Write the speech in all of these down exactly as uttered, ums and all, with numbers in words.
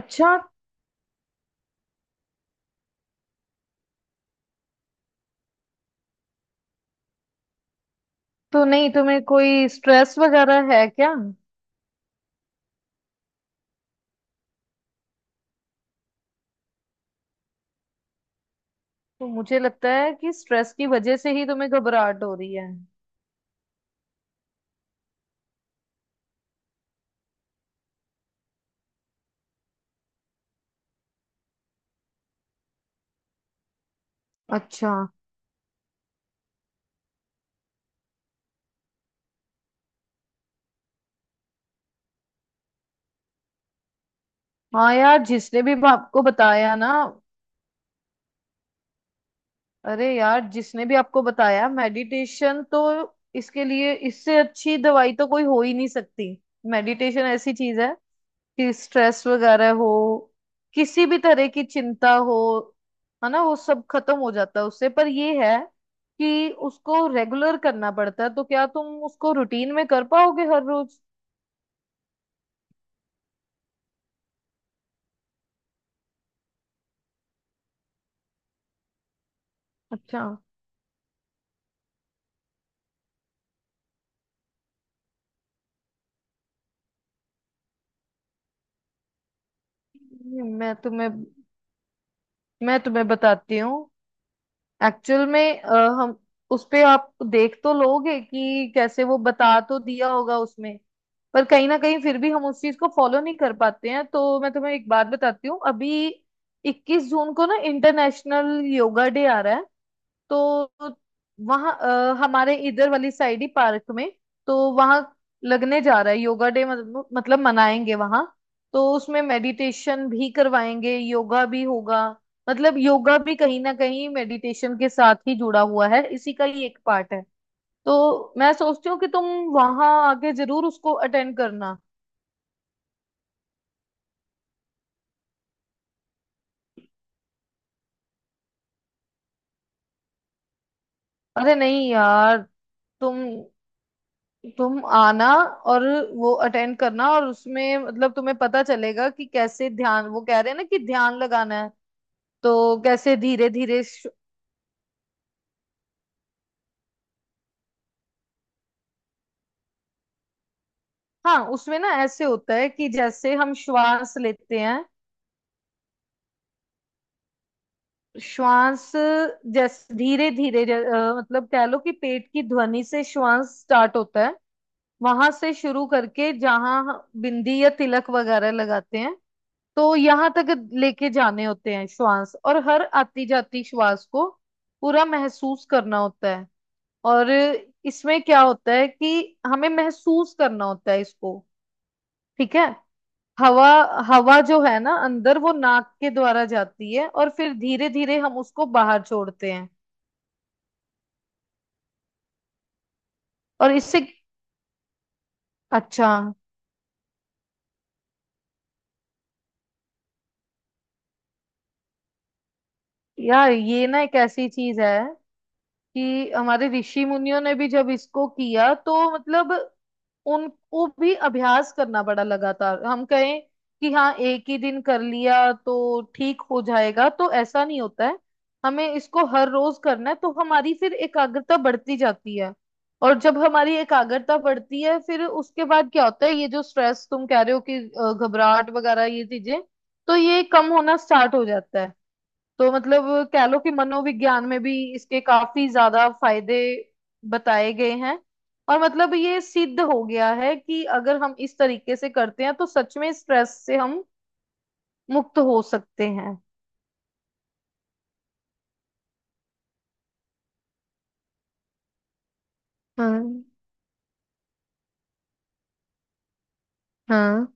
अच्छा। तो नहीं तुम्हें कोई स्ट्रेस वगैरह है क्या? तो मुझे लगता है कि स्ट्रेस की वजह से ही तुम्हें घबराहट हो रही है। अच्छा। हाँ यार, जिसने भी आपको बताया ना, अरे यार जिसने भी आपको बताया मेडिटेशन, तो इसके लिए इससे अच्छी दवाई तो कोई हो ही नहीं सकती। मेडिटेशन ऐसी चीज है कि स्ट्रेस वगैरह हो, किसी भी तरह की चिंता हो, है ना, वो सब खत्म हो जाता है उससे। पर ये है कि उसको रेगुलर करना पड़ता है। तो क्या तुम उसको रूटीन में कर पाओगे हर रोज? अच्छा। मैं तुम्हें मैं तुम्हें बताती हूँ। एक्चुअल में अ, हम उस पे आप देख तो लोगे कि कैसे वो बता तो दिया होगा उसमें। पर कहीं ना कहीं फिर भी हम उस चीज को फॉलो नहीं कर पाते हैं। तो मैं तुम्हें एक बात बताती हूँ। अभी इक्कीस जून को ना इंटरनेशनल योगा डे आ रहा है। तो वहाँ अ, हमारे इधर वाली साइड ही पार्क में, तो वहाँ लगने जा रहा है योगा डे, मतलब मतलब मनाएंगे वहाँ। तो उसमें मेडिटेशन भी करवाएंगे, योगा भी होगा। मतलब योगा भी कहीं ना कहीं मेडिटेशन के साथ ही जुड़ा हुआ है, इसी का ही एक पार्ट है। तो मैं सोचती हूँ कि तुम वहाँ आके जरूर उसको अटेंड करना। अरे नहीं यार, तुम तुम आना और वो अटेंड करना। और उसमें मतलब तुम्हें पता चलेगा कि कैसे ध्यान, वो कह रहे हैं ना कि ध्यान लगाना है, तो कैसे धीरे धीरे। हाँ, उसमें ना ऐसे होता है कि जैसे हम श्वास लेते हैं, श्वास जैसे धीरे धीरे, मतलब कह लो कि पेट की ध्वनि से श्वास स्टार्ट होता है। वहां से शुरू करके जहां बिंदी या तिलक वगैरह लगाते हैं, तो यहाँ तक लेके जाने होते हैं श्वास, और हर आती जाती श्वास को पूरा महसूस करना होता है। और इसमें क्या होता है कि हमें महसूस करना होता है इसको। ठीक है। हवा, हवा जो है ना अंदर, वो नाक के द्वारा जाती है और फिर धीरे धीरे हम उसको बाहर छोड़ते हैं। और इससे अच्छा। यार ये ना एक ऐसी चीज है कि हमारे ऋषि मुनियों ने भी जब इसको किया, तो मतलब उनको भी अभ्यास करना पड़ा लगातार। हम कहें कि हाँ एक ही दिन कर लिया तो ठीक हो जाएगा, तो ऐसा नहीं होता है। हमें इसको हर रोज करना है, तो हमारी फिर एकाग्रता बढ़ती जाती है। और जब हमारी एकाग्रता बढ़ती है, फिर उसके बाद क्या होता है, ये जो स्ट्रेस तुम कह रहे हो कि अ, घबराहट वगैरह ये चीजें, तो ये कम होना स्टार्ट हो जाता है। तो मतलब कह लो कि मनोविज्ञान में भी इसके काफी ज्यादा फायदे बताए गए हैं। और मतलब ये सिद्ध हो गया है कि अगर हम इस तरीके से करते हैं तो सच में स्ट्रेस से हम मुक्त हो सकते हैं। हाँ। हाँ।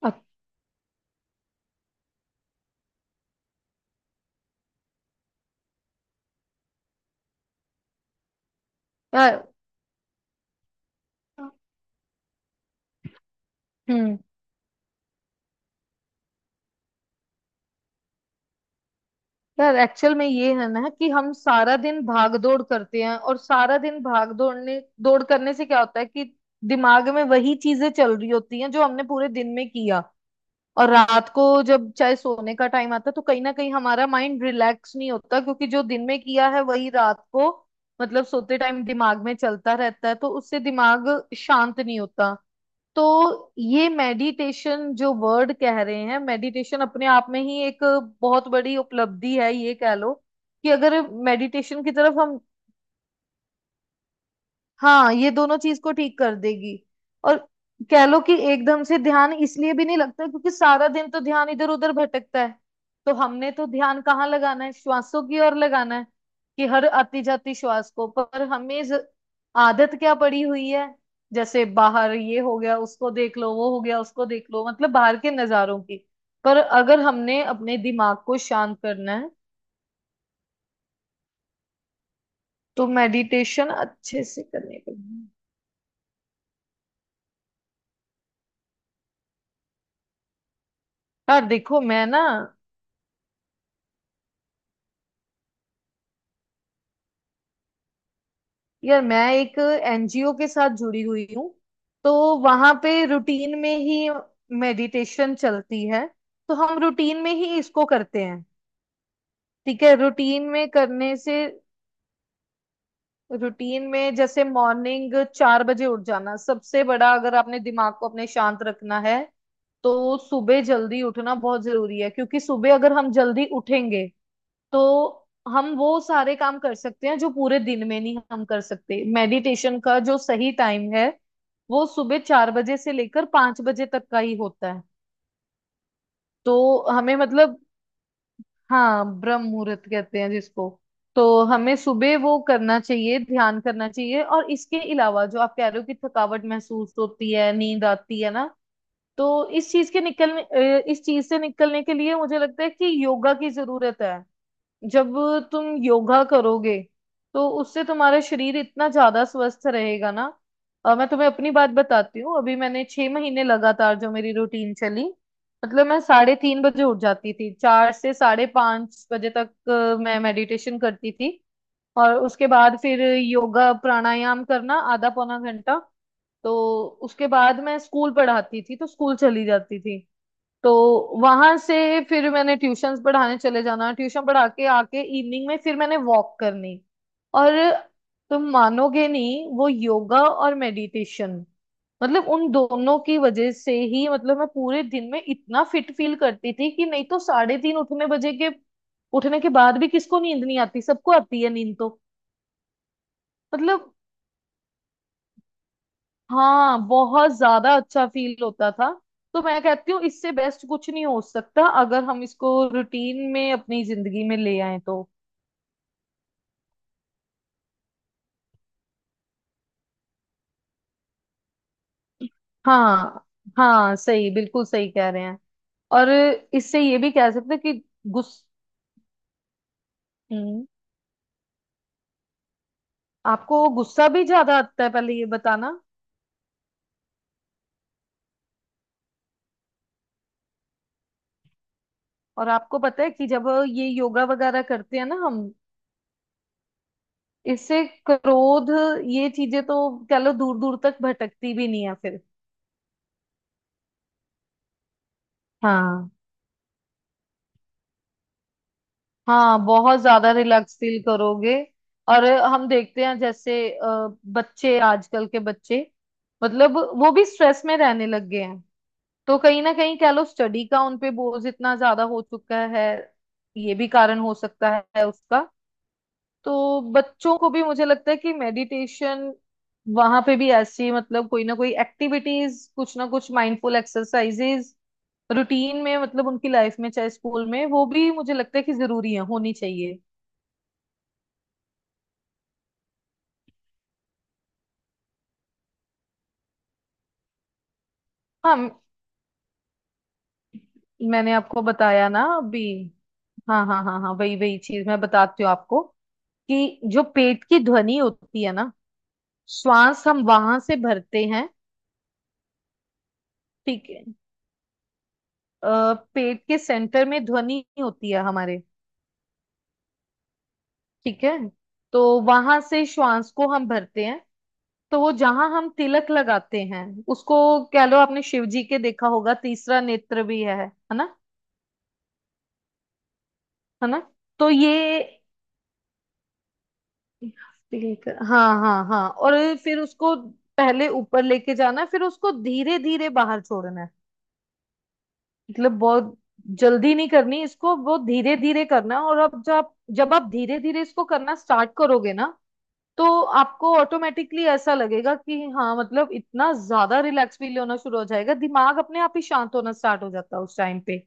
अ- यार। हम्म। यार एक्चुअल में ये है ना कि हम सारा दिन भाग दौड़ करते हैं, और सारा दिन भाग दौड़ने दौड़ करने से क्या होता है कि दिमाग में वही चीजें चल रही होती हैं जो हमने पूरे दिन में किया। और रात को जब चाहे सोने का टाइम आता है, तो कहीं ना कहीं हमारा माइंड रिलैक्स नहीं होता, क्योंकि जो दिन में किया है वही रात को, मतलब सोते टाइम दिमाग में चलता रहता है, तो उससे दिमाग शांत नहीं होता। तो ये मेडिटेशन जो वर्ड कह रहे हैं, मेडिटेशन अपने आप में ही एक बहुत बड़ी उपलब्धि है, ये कह लो। कि अगर मेडिटेशन की तरफ हम, हाँ ये दोनों चीज को ठीक कर देगी। और कह लो कि एकदम से ध्यान इसलिए भी नहीं लगता क्योंकि सारा दिन तो ध्यान इधर उधर भटकता है। तो हमने तो ध्यान कहाँ लगाना है, श्वासों की ओर लगाना है, कि हर आती जाती श्वास को। पर हमें ज- आदत क्या पड़ी हुई है, जैसे बाहर ये हो गया उसको देख लो, वो हो गया उसको देख लो, मतलब बाहर के नजारों की। पर अगर हमने अपने दिमाग को शांत करना है तो मेडिटेशन अच्छे से करनी पड़ेगी। यार देखो मैं ना, यार मैं एक एनजीओ के साथ जुड़ी हुई हूँ, तो वहां पे रूटीन में ही मेडिटेशन चलती है। तो हम रूटीन में ही इसको करते हैं। ठीक है। रूटीन में करने से, रूटीन में जैसे मॉर्निंग चार बजे उठ जाना सबसे बड़ा, अगर आपने दिमाग को अपने शांत रखना है तो सुबह जल्दी उठना बहुत जरूरी है, क्योंकि सुबह अगर हम जल्दी उठेंगे तो हम वो सारे काम कर सकते हैं जो पूरे दिन में नहीं हम कर सकते। मेडिटेशन का जो सही टाइम है, वो सुबह चार बजे से लेकर पांच बजे तक का ही होता है। तो हमें मतलब, हाँ ब्रह्म मुहूर्त कहते हैं जिसको। तो हमें सुबह वो करना चाहिए, ध्यान करना चाहिए। और इसके अलावा जो आप कह रहे हो कि थकावट महसूस होती है, नींद आती है ना, तो इस चीज के निकलने, अ, इस चीज से निकलने के लिए मुझे लगता है कि योगा की जरूरत है। जब तुम योगा करोगे, तो उससे तुम्हारा शरीर इतना ज्यादा स्वस्थ रहेगा ना। अ, मैं तुम्हें अपनी बात बताती हूँ, अभी मैंने छह महीने लगातार जो मेरी रूटीन चली, मतलब मैं साढ़े तीन बजे उठ जाती थी, चार से साढ़े पांच बजे तक अ, मैं मेडिटेशन करती थी, और उसके बाद फिर योगा प्राणायाम करना आधा पौना घंटा। तो उसके बाद मैं स्कूल पढ़ाती थी, तो स्कूल चली जाती थी। तो वहां से फिर मैंने ट्यूशंस पढ़ाने चले जाना, ट्यूशन पढ़ा के आके इवनिंग में फिर मैंने वॉक करनी। और तुम मानोगे नहीं, वो योगा और मेडिटेशन, मतलब उन दोनों की वजह से ही, मतलब मैं पूरे दिन में इतना फिट फील करती थी कि नहीं तो साढ़े तीन उठने बजे के, उठने के बाद भी किसको नींद नहीं आती, सबको आती है नींद। तो मतलब हाँ बहुत ज्यादा अच्छा फील होता था। तो मैं कहती हूँ इससे बेस्ट कुछ नहीं हो सकता अगर हम इसको रूटीन में अपनी जिंदगी में ले आए तो। हाँ। हाँ, सही बिल्कुल सही कह रहे हैं। और इससे ये भी कह सकते हैं कि गुस्स, हम्म, आपको गुस्सा भी ज्यादा आता है पहले ये बताना। और आपको पता है कि जब ये योगा वगैरह करते हैं ना हम, इससे क्रोध ये चीजें तो, कह लो दूर दूर तक भटकती भी नहीं है फिर। हाँ। हाँ बहुत ज्यादा रिलैक्स फील करोगे। और हम देखते हैं जैसे अ, बच्चे, आजकल के बच्चे, मतलब वो भी स्ट्रेस में रहने लग गए हैं। तो कहीं ना कहीं कह लो स्टडी का उन पे बोझ इतना ज्यादा हो चुका है, ये भी कारण हो सकता है उसका। तो बच्चों को भी मुझे लगता है कि मेडिटेशन, वहां पे भी ऐसी मतलब कोई ना कोई एक्टिविटीज, कुछ ना कुछ माइंडफुल एक्सरसाइजेज रूटीन में, मतलब उनकी लाइफ में चाहे स्कूल में, वो भी मुझे लगता है कि जरूरी है, होनी चाहिए। हाँ मैंने आपको बताया ना अभी। हाँ हाँ हाँ हाँ वही वही चीज मैं बताती हूँ आपको, कि जो पेट की ध्वनि होती है ना, श्वास हम वहां से भरते हैं। ठीक है। अ, पेट के सेंटर में ध्वनि होती है हमारे। ठीक है। तो वहां से श्वास को हम भरते हैं। तो वो जहां हम तिलक लगाते हैं उसको, कह लो आपने शिव जी के देखा होगा तीसरा नेत्र भी है है ना, है ना? तो ये पिंक, हाँ हाँ हाँ, और फिर उसको पहले ऊपर लेके जाना है, फिर उसको धीरे धीरे बाहर छोड़ना है। मतलब बहुत जल्दी नहीं करनी इसको, बहुत धीरे धीरे करना है। और अब जब जब आप धीरे धीरे इसको करना स्टार्ट करोगे ना, तो आपको ऑटोमेटिकली ऐसा लगेगा कि हाँ मतलब इतना ज्यादा रिलैक्स फील होना शुरू हो जाएगा, दिमाग अपने आप ही शांत होना स्टार्ट हो जाता है उस टाइम पे।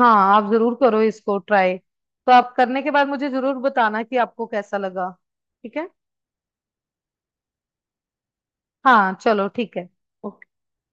हाँ आप जरूर करो इसको ट्राई, तो आप करने के बाद मुझे जरूर बताना कि आपको कैसा लगा। ठीक है? हाँ चलो ठीक है।